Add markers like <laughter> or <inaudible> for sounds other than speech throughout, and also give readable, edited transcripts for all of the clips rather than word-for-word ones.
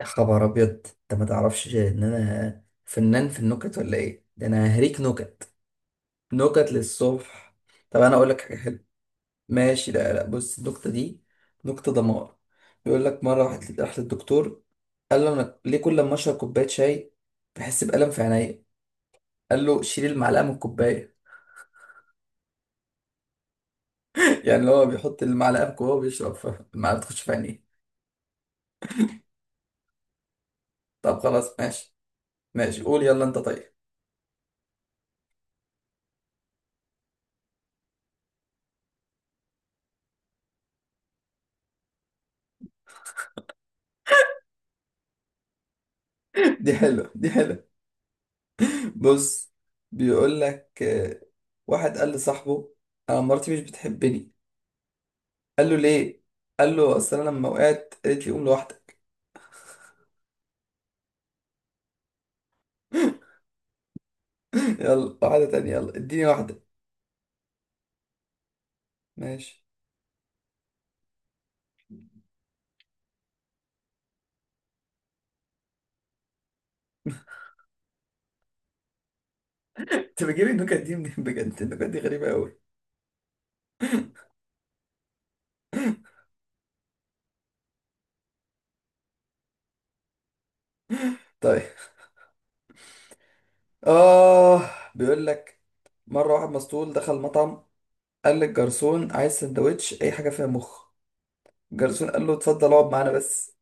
يا خبر ابيض، انت ما تعرفش ان انا فنان في النكت ولا ايه؟ ده انا هريك نكت، نكت للصبح. طب انا اقول لك حاجه حلوه. ماشي لا، بص النكته دي، نكته دمار. بيقول لك مره واحد راح للدكتور، قال له انا ليه كل ما اشرب كوبايه شاي بحس بالم في عينيا؟ قال له شيل المعلقه من الكوبايه. <laughs> يعني اللي هو بيحط المعلقه في جوه وبيشرب، فالمعلقه تخش في عينيه. طب خلاص ماشي، ماشي قول يلا انت طيب. <laughs> دي حلوه، دي حلوه. بص، بيقول لك واحد قال لصاحبه انا مراتي مش بتحبني. قال له ليه؟ قال له اصل انا لما وقعت قالت لي قوم لوحدك. <laughs> يلا واحده تانية، يلا اديني واحده. ماشي، انت بتجيب النكت دي منين؟ <laughs> بجد النكت دي غريبه قوي. طيب. اه بيقول لك مره واحد مسطول دخل مطعم، قال للجرسون عايز سندوتش اي حاجه فيها مخ. الجرسون قال له اتفضل اقعد معانا بس.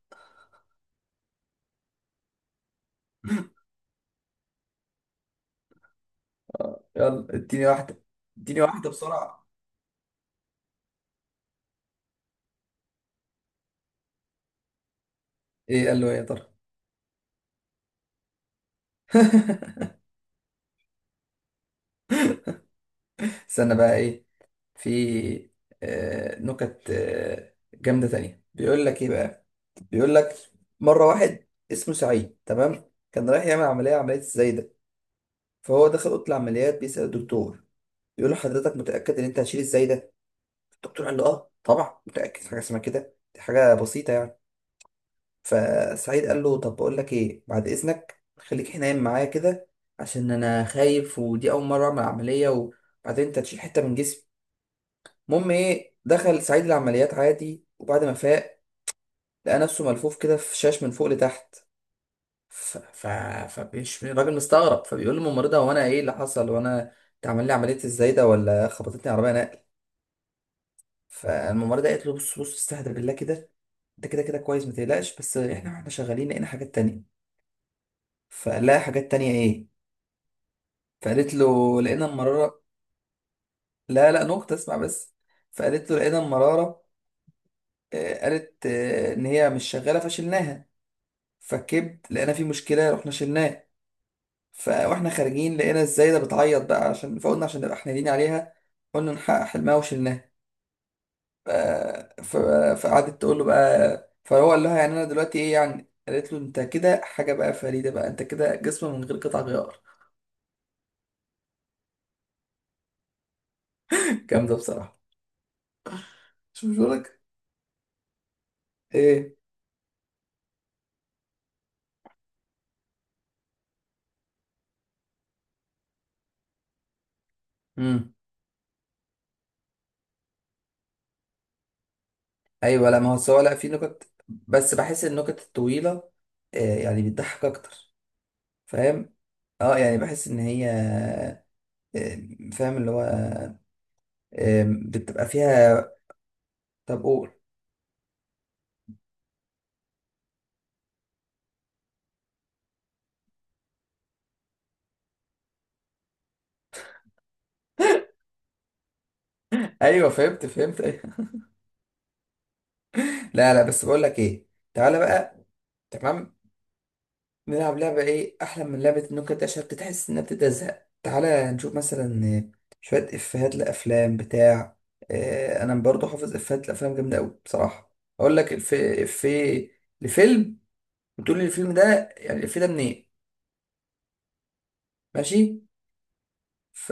يلا اديني واحده، اديني واحده بسرعه. ايه قال له ايه يا ترى؟ <laughs> استنى بقى ايه، في نكت جامدة تانية. بيقول لك ايه بقى، بيقول لك مرة واحد اسمه سعيد تمام كان رايح يعمل عملية، عملية الزايدة. فهو دخل أوضة العمليات بيسأل الدكتور، بيقول له حضرتك متأكد إن أنت هتشيل الزايدة؟ الدكتور قال له آه طبعا متأكد، حاجة اسمها كده دي حاجة بسيطة يعني. فسعيد قال له طب بقول لك ايه، بعد إذنك خليك هنا نايم معايا كده عشان أنا خايف، ودي أول مرة أعمل عملية، وبعدين أنت هتشيل حتة من جسمي. المهم ايه، دخل سعيد العمليات عادي، وبعد ما فاق لقى نفسه ملفوف كده في شاش من فوق لتحت. ف... ف... فبيش الراجل مستغرب، فبيقول للممرضة هو انا ايه اللي حصل؟ وانا اتعمل لي عملية ازاي ده ولا خبطتني عربية نقل؟ فالممرضة قالت له بص استهدى بالله كده، انت كده كده كويس ما تقلقش، بس احنا واحنا شغالين لقينا حاجات تانية. فقال لها حاجات تانية ايه؟ فقالت له لقينا المرارة. لا نقطة اسمع بس. فقالت له لقينا المرارة، قالت ان هي مش شغالة فشلناها، فكبت لقينا في مشكله رحنا شلناه. فاحنا خارجين لقينا الزايده بتعيط بقى، عشان فقلنا عشان نبقى حنينين عليها قلنا نحقق حلمها وشلناه. ف- ف- فقعدت تقول له بقى، فهو قال لها يعني انا دلوقتي ايه يعني؟ قالت له انت كده حاجه بقى فريده بقى، انت كده جسم من غير قطع غيار. <laughs> جامده بصراحه. شوف مش بقولك ايه. امم ايوه، لا ما هو سواء، لا في نكت بس بحس النكت الطويله يعني بتضحك اكتر، فاهم. اه يعني بحس ان هي فاهم اللي هو بتبقى فيها. طب قول. ايوه فهمت، فهمت، أيوة. لا لا بس بقول لك ايه، تعالى بقى. تمام، نلعب لعبه، ايه احلى من لعبه إن ممكن تشرب تحس انها بتبدا تزهق؟ تعالى نشوف مثلا شويه افيهات لافلام بتاع انا برضو حافظ افيهات لافلام جامده قوي بصراحه. اقول لك الف، في لفيلم، وتقول لي الفيلم ده يعني الفيلم ده منين. ماشي. ف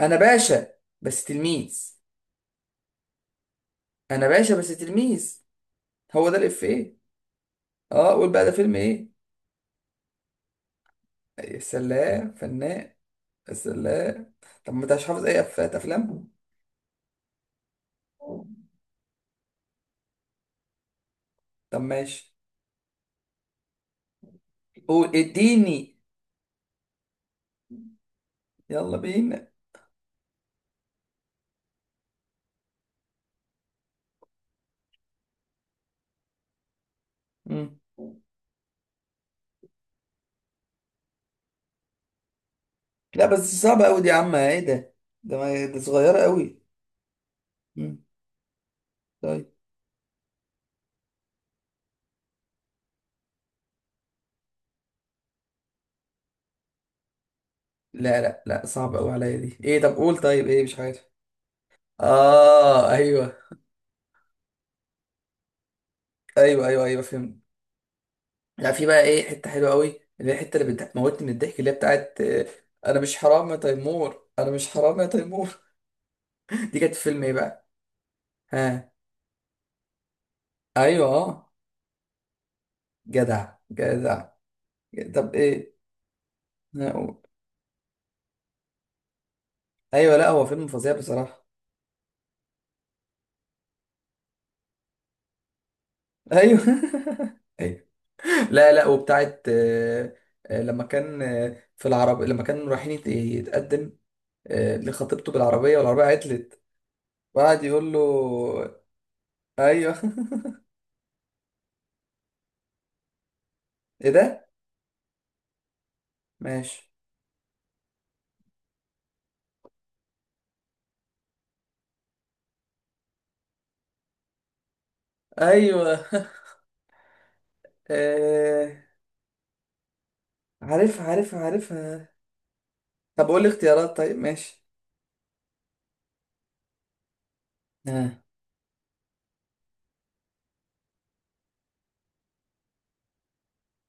انا باشا بس تلميذ، انا باشا بس تلميذ. هو ده الافيه. اه قول بقى ده فيلم ايه. يا سلام فنان، يا سلام. طب ما انت مش حافظ اي افات افلام؟ طب ماشي. قول اديني. يلا بينا. مم. لا بس صعبة قوي دي يا عم، ايه ده؟ ده ما دي صغيرة قوي. مم. طيب. لا صعبة قوي عليا دي، ايه؟ طب قول طيب، ايه مش عارف. اه ايوه. ايوه فهمت. لا في بقى ايه حتة حلوة قوي، اللي هي الحتة اللي بتموتني من الضحك، اللي هي بتاعت انا مش حرام يا تيمور، انا مش حرام يا تيمور. <laughs> دي كانت في فيلم ايه بقى؟ ها؟ ايوه اه. جدع جدع. طب ايه؟ لا، ايوه لا هو فيلم فظيع بصراحه. ايوه. <laughs> ايوه لا لا، وبتاعت لما كان في العربية لما كان رايحين يتقدم لخطيبته بالعربية، والعربية عطلت. وقعد يقول له ايوه. <laughs> ايه ده. ماشي. ايوه. <laughs> آه، عارف عارف، عارفها. طب قول لي اختيارات، طيب ماشي. ها.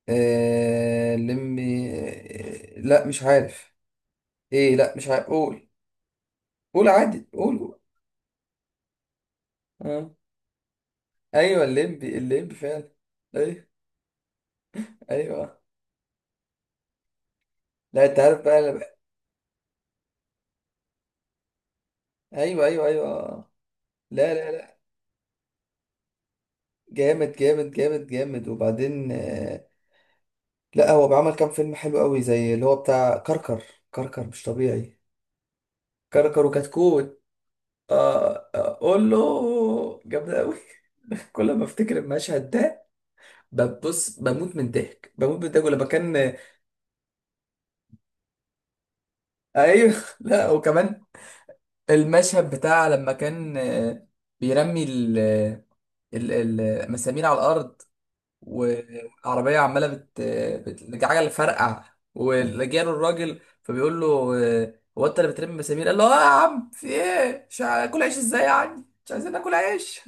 آه، لمي آه، لا مش عارف، ايه لا مش عارف قول. قول عادي قول قول. اه ايوه، الليمبي، الليمبي فعلا. ايوه. ايوه لا انت عارف بقى أنا بقى- ايوه ايوه ايوه. لا لا لا، جامد وبعدين لا هو بعمل كام فيلم حلو قوي زي اللي هو بتاع كركر، كركر مش طبيعي. كركر وكتكوت. اه قول له جامد قوي. <laughs> كل ما افتكر المشهد ده ببص بموت من الضحك، بموت من الضحك ولما كان ايوه. <laughs> لا وكمان المشهد بتاع لما كان بيرمي ال آه، ال- ال- المسامير على الأرض، والعربية عمالة عجلة فرقع. ولجاله الراجل فبيقول له هو أنت اللي بترمي مسامير؟ قال له آه يا عم في إيه؟ مش هاكل عيش إزاي يعني؟ مش عايزين ناكل عيش.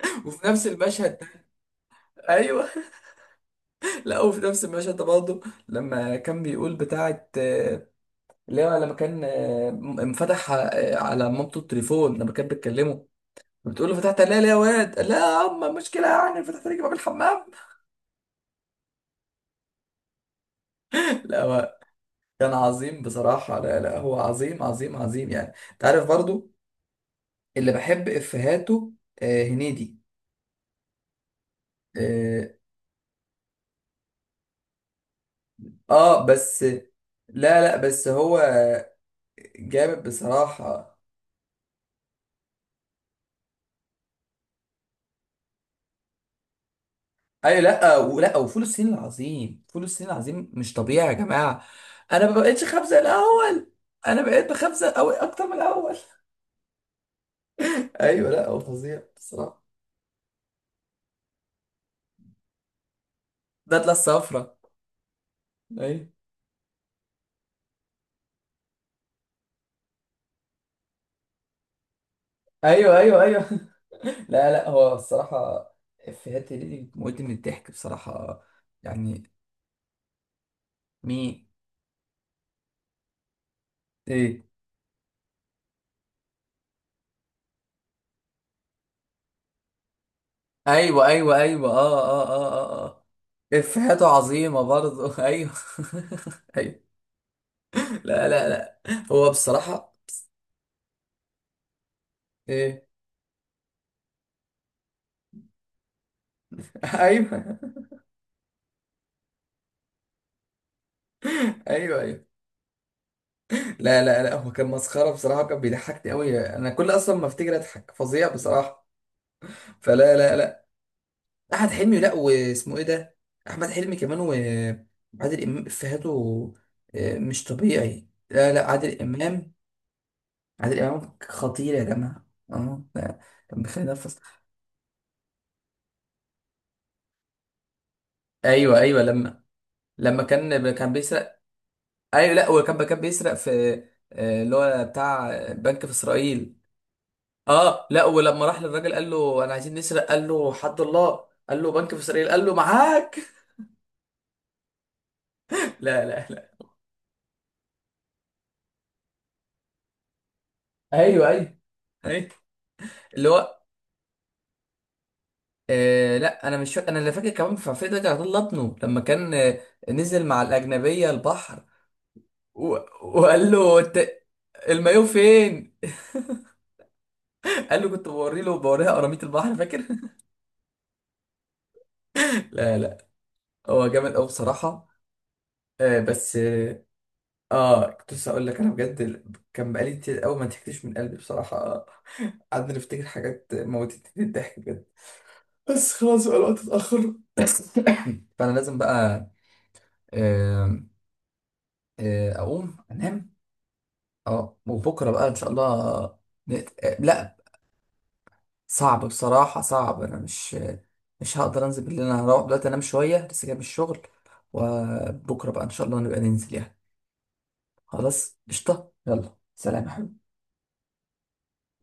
<laughs> وفي نفس المشهد ده أيوه. <laughs> لا وفي نفس المشهد ده برضه، لما كان بيقول بتاعة اللي هو لما كان انفتح على مامته التليفون لما كان بيتكلموا، بتقول له فتحت عليها ليه يا واد؟ قال لا يا عم مشكلة يعني، فتحت عليك باب الحمام. <laughs> لا هو كان عظيم بصراحة. لا لا هو عظيم يعني، انت عارف برضو اللي بحب افهاته آه هنيدي. آه, اه بس لا لا بس هو جامد بصراحة. ايوه لا ولا، وفول الصين العظيم، فول الصين العظيم مش طبيعي يا جماعة. انا ما بقتش خبزة زي الاول، انا بقيت بخبزة أوي اكتر من الاول. <laughs> ايوه لا هو فظيع بصراحة. بدلة الصفرا. ايوه ايوه ايوه ايوه. <laughs> لا لا هو الصراحه افيهات هنيدي موت من الضحك بصراحه. يعني مي. ايه. ايوه اه. اه افيهاته عظيمه برضه. <laughs> ايوه. <laughs> ايوه. لا لا لا، هو بصراحه ايه. <laughs> ايوه ايوه ايوه. لا لا لا هو كان مسخره بصراحه، كان بيضحكني قوي انا، كل اصلا ما افتكر اضحك فظيع بصراحه. فلا لا، احمد حلمي. لا واسمه ايه ده؟ احمد حلمي كمان، وعادل امام افيهاته مش طبيعي. لا لا عادل امام، عادل امام خطير يا جماعه. اه لا، كان بيخليني انفس. ايوه ايوه لما، لما كان بيسرق. ايوه لا هو كان كان بيسرق في اللي هو بتاع بنك في اسرائيل. اه لا ولما راح للراجل قال له انا عايزين نسرق، قال له حد الله، قال له بنك في اسرائيل، قال له معاك. <laughs> لا لا لا. ايوه ايوه ايوه، اللي هو آه لا انا مش فاكر، انا اللي فاكر كمان في عفريت رجع طلع ابنه لما كان نزل مع الاجنبيه البحر و... وقال له انت المايو فين؟ <laughs> قال له كنت بوري له بوريها قراميط البحر، فاكر؟ <laughs> لا لا هو جامد قوي بصراحه. آه بس اه كنت لسه اقول لك انا بجد ال- كان بقالي كتير قوي ما ضحكتش من قلبي بصراحه. <laughs> قعدنا نفتكر حاجات موتتني الضحك بجد، بس خلاص بقى الوقت اتاخر. <laughs> <coughs> فانا لازم بقى آه، اقوم انام. اه وبكره بقى ان شاء الله. نت... آه، لا صعب بصراحه صعب، انا مش، مش هقدر انزل بالليل، انا هروح دلوقتي انام شويه لسه جاي من الشغل. وبكره بقى ان شاء الله نبقى ننزل يعني. خلاص قشطه، يلا سلام يا حبيبي.